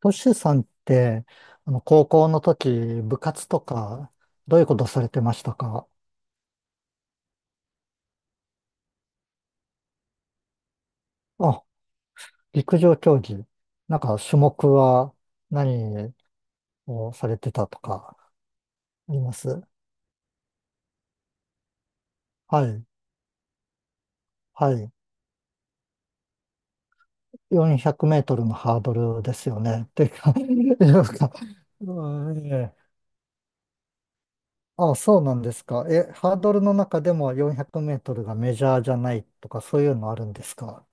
トシさんって、高校の時、部活とか、どういうことされてましたか？あ、陸上競技。なんか、種目は何をされてたとか、あります？はい、はい。400メートルのハードルですよね。っていうか、なんか、うん、ええ。あ、そうなんですか。え、ハードルの中でも400メートルがメジャーじゃないとか、そういうのあるんですか？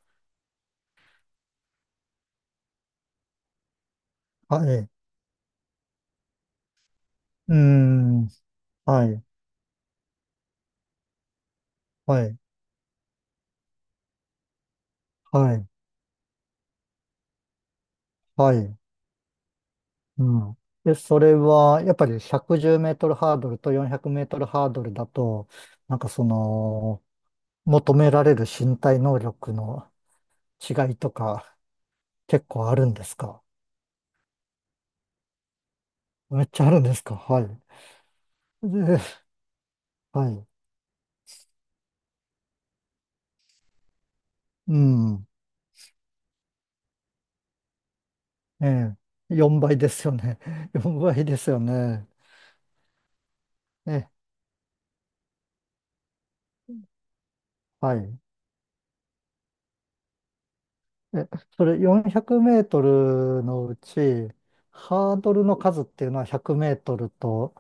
はい。うーん、はい、はい、はい。はい。うん。で、それは、やっぱり110メートルハードルと400メートルハードルだと、なんかその、求められる身体能力の違いとか、結構あるんですか？めっちゃあるんですか？はい。で、はい。うん。ええ。4倍ですよね。4倍ですよね。え、はい。え、それ400メートルのうち、ハードルの数っていうのは100メートルと、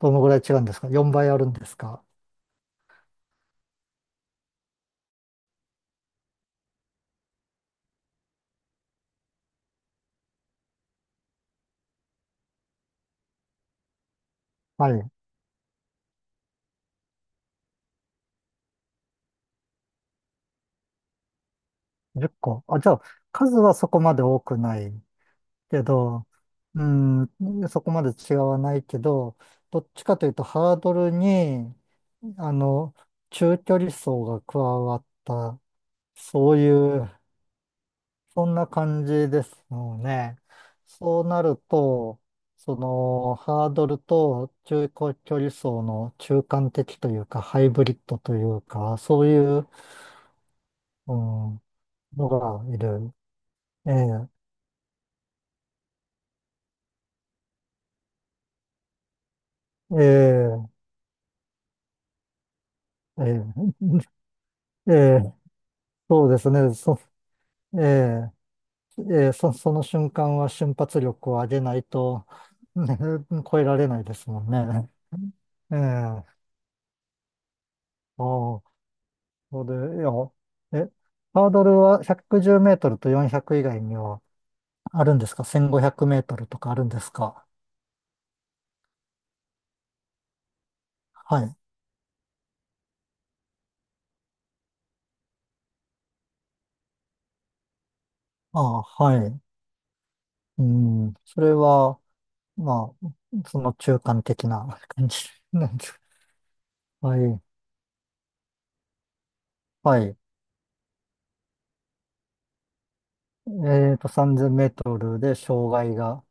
どのぐらい違うんですか？ 4 倍あるんですか？はい、10個。あ、じゃあ、数はそこまで多くないけど、うん、そこまで違わないけど、どっちかというとハードルに、あの、中距離走が加わった、そういう、そんな感じですよね。そうなると、ハードルと中距離走の中間的というか、ハイブリッドというか、そういう、うん、のがいる。ええええええ、ええ、そうですね。ええ、ええ、その瞬間は瞬発力を上げないと、ね、超えられないですもんね。ええ、ああ、そうで、いや、え、ハードルは110メートルと400以外にはあるんですか？ 1500 メートルとかあるんですか？はい。ああ、はい。うん、それは、まあ、その中間的な感じなんです。はい。はい。3 0メートルで障害が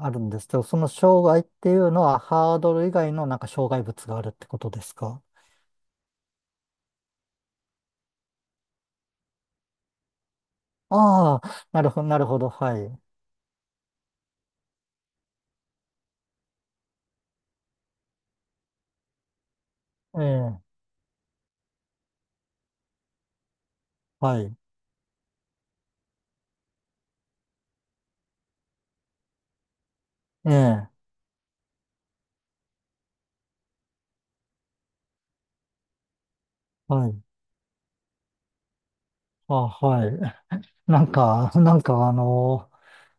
あるんですけど、その障害っていうのはハードル以外のなんか障害物があるってことですか？ああ、なるほど、なるほど、はい。ええ、はい。ええ、はい。あ、はい。なんか、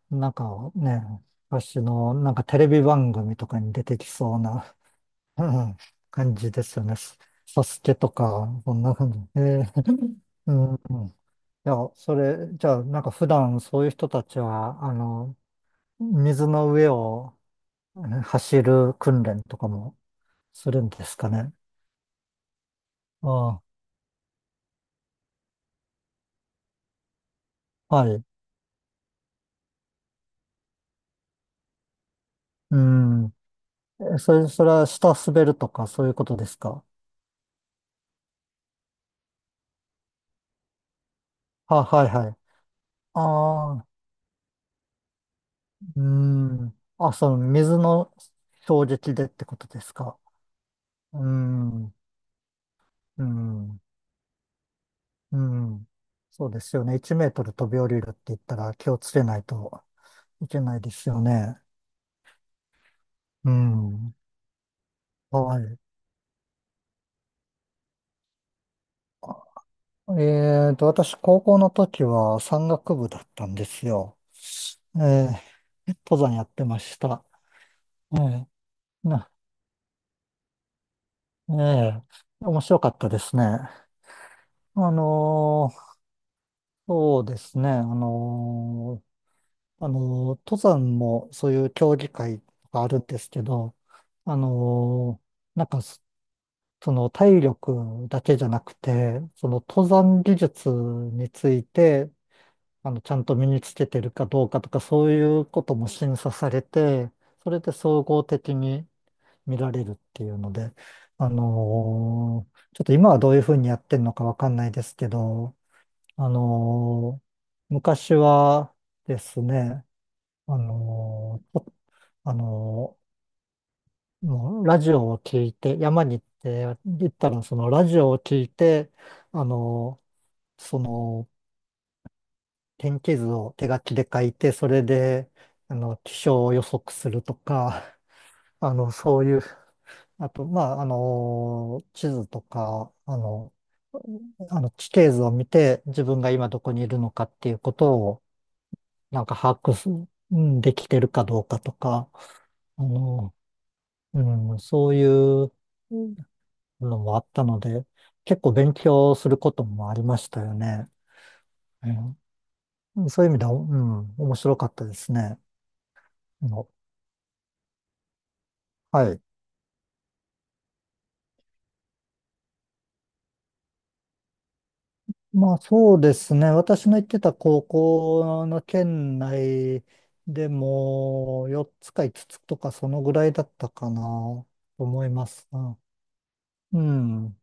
なんかね、私のなんかテレビ番組とかに出てきそうな、うん、感じですよね。サスケとか、そんな感じ。ええ、うん。うん、いや、それ、じゃあ、なんか普段そういう人たちは、水の上を走る訓練とかもするんですかね。ああ、はい。うん。えそれ、それは下滑るとかそういうことですか。はい、はい。ああ、うん。あ、その水の衝撃でってことですか。うん、うん、うん。そうですよね。1メートル飛び降りるって言ったら気をつけないといけないですよね。うん。はい。私、高校の時は山岳部だったんですよ。ええ、登山やってました。ええな、ええ、面白かったですね。あのーそうですね。ーあの登山もそういう競技会があるんですけど、あのーなんかその体力だけじゃなくて、その登山技術について、ちゃんと身につけてるかどうかとか、そういうことも審査されて、それで総合的に見られるっていうので、ちょっと今はどういうふうにやってるのかわかんないですけど、あのー昔はですね、あのーとあのーもうラジオを聞いて、山に行って、行ったらそのラジオを聞いて、あのその天気図を手書きで書いて、それで、気象を予測するとか、そういう、あと、まあ、地図とか、あの地形図を見て、自分が今どこにいるのかっていうことを、なんか把握す、うん、できてるかどうかとか、あの、うん、そういう、うん、のもあったので、結構勉強することもありましたよね。うん、そういう意味では、うん、面白かったですね。あのはい。まあ、そうですね。私の行ってた高校の県内でも4つか5つつとかそのぐらいだったかなと思います。うん。うん、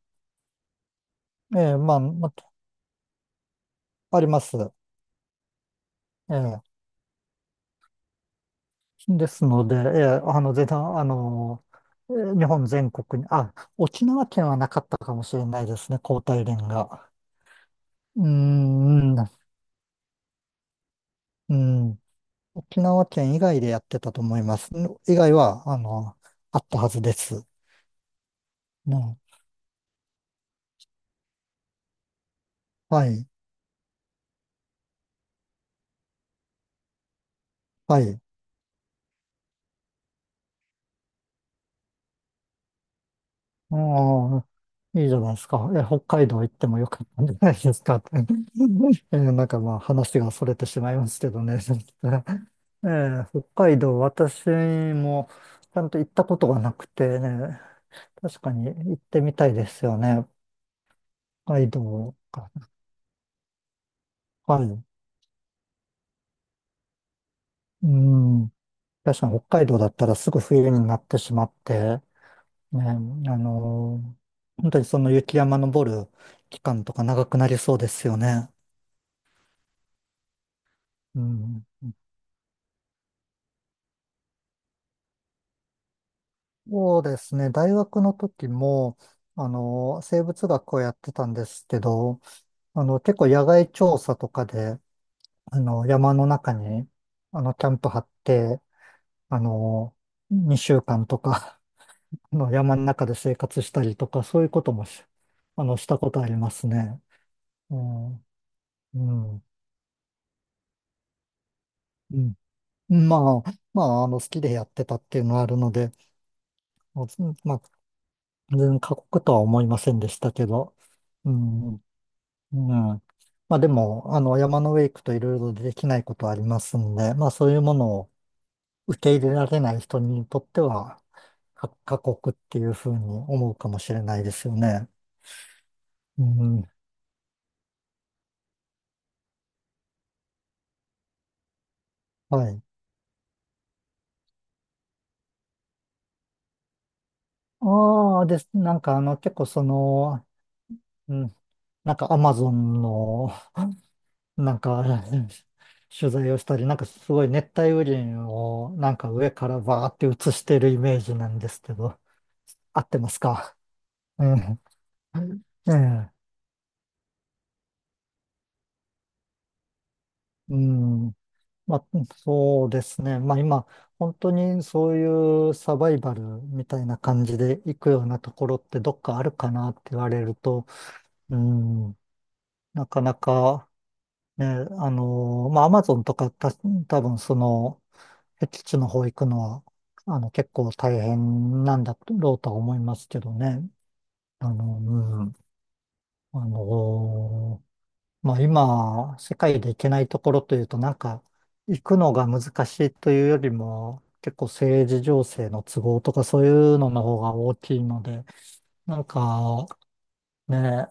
ええ、まあ、まあ、あります。ええ。ですので、ええ、全然、ええ、日本全国に、あ、沖縄県はなかったかもしれないですね、交代連が。うん、うん、うん。沖縄県以外でやってたと思います。以外は、あったはずです。なはい、はい。ああ、いいじゃないですか。え、北海道行ってもよかったんじゃないですかって。なんか、まあ、話が逸れてしまいますけどね。北海道、私もちゃんと行ったことがなくてね、確かに行ってみたいですよね。北海道か。はい。うん。確かに北海道だったらすぐ冬になってしまって、ね、の本当にその雪山登る期間とか長くなりそうですよね。うん。そうですね。大学の時も、生物学をやってたんですけど、結構野外調査とかで、山の中に、キャンプ張って、あの2週間とか 山の中で生活したりとか、そういうこともしたことありますね。うん。うん。うん、まあ、まあ、好きでやってたっていうのはあるので、もうずまあ、全然過酷とは思いませんでしたけど、うん、うん。まあでも、山の上行くといろいろできないことはありますんで、まあそういうものを受け入れられない人にとっては、過酷っていうふうに思うかもしれないですよね。うん、はい。ああ、です。なんか結構うん、なんかアマゾンのなんか 取材をしたり、なんかすごい熱帯雨林をなんか上からバーって映してるイメージなんですけど、合ってますか？ええ、 ええ、うん。まあ、そうですね。まあ今、本当にそういうサバイバルみたいな感じで行くようなところってどっかあるかなって言われると、うん、なかなか、ね、まあアマゾンとかた多分その、僻地の方行くのは、結構大変なんだろうとは思いますけどね。うん。あのーまあ、今、世界で行けないところというと、なんか、行くのが難しいというよりも、結構政治情勢の都合とかそういうのの方が大きいので、なんか、ね、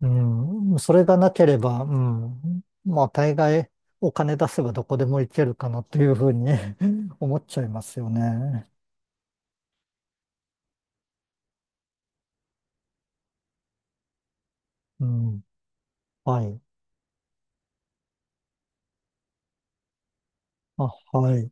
うん、それがなければ、うん、まあ、大概、お金出せばどこでも行けるかなというふうに 思っちゃいますよね。うん。はい。あ、はい。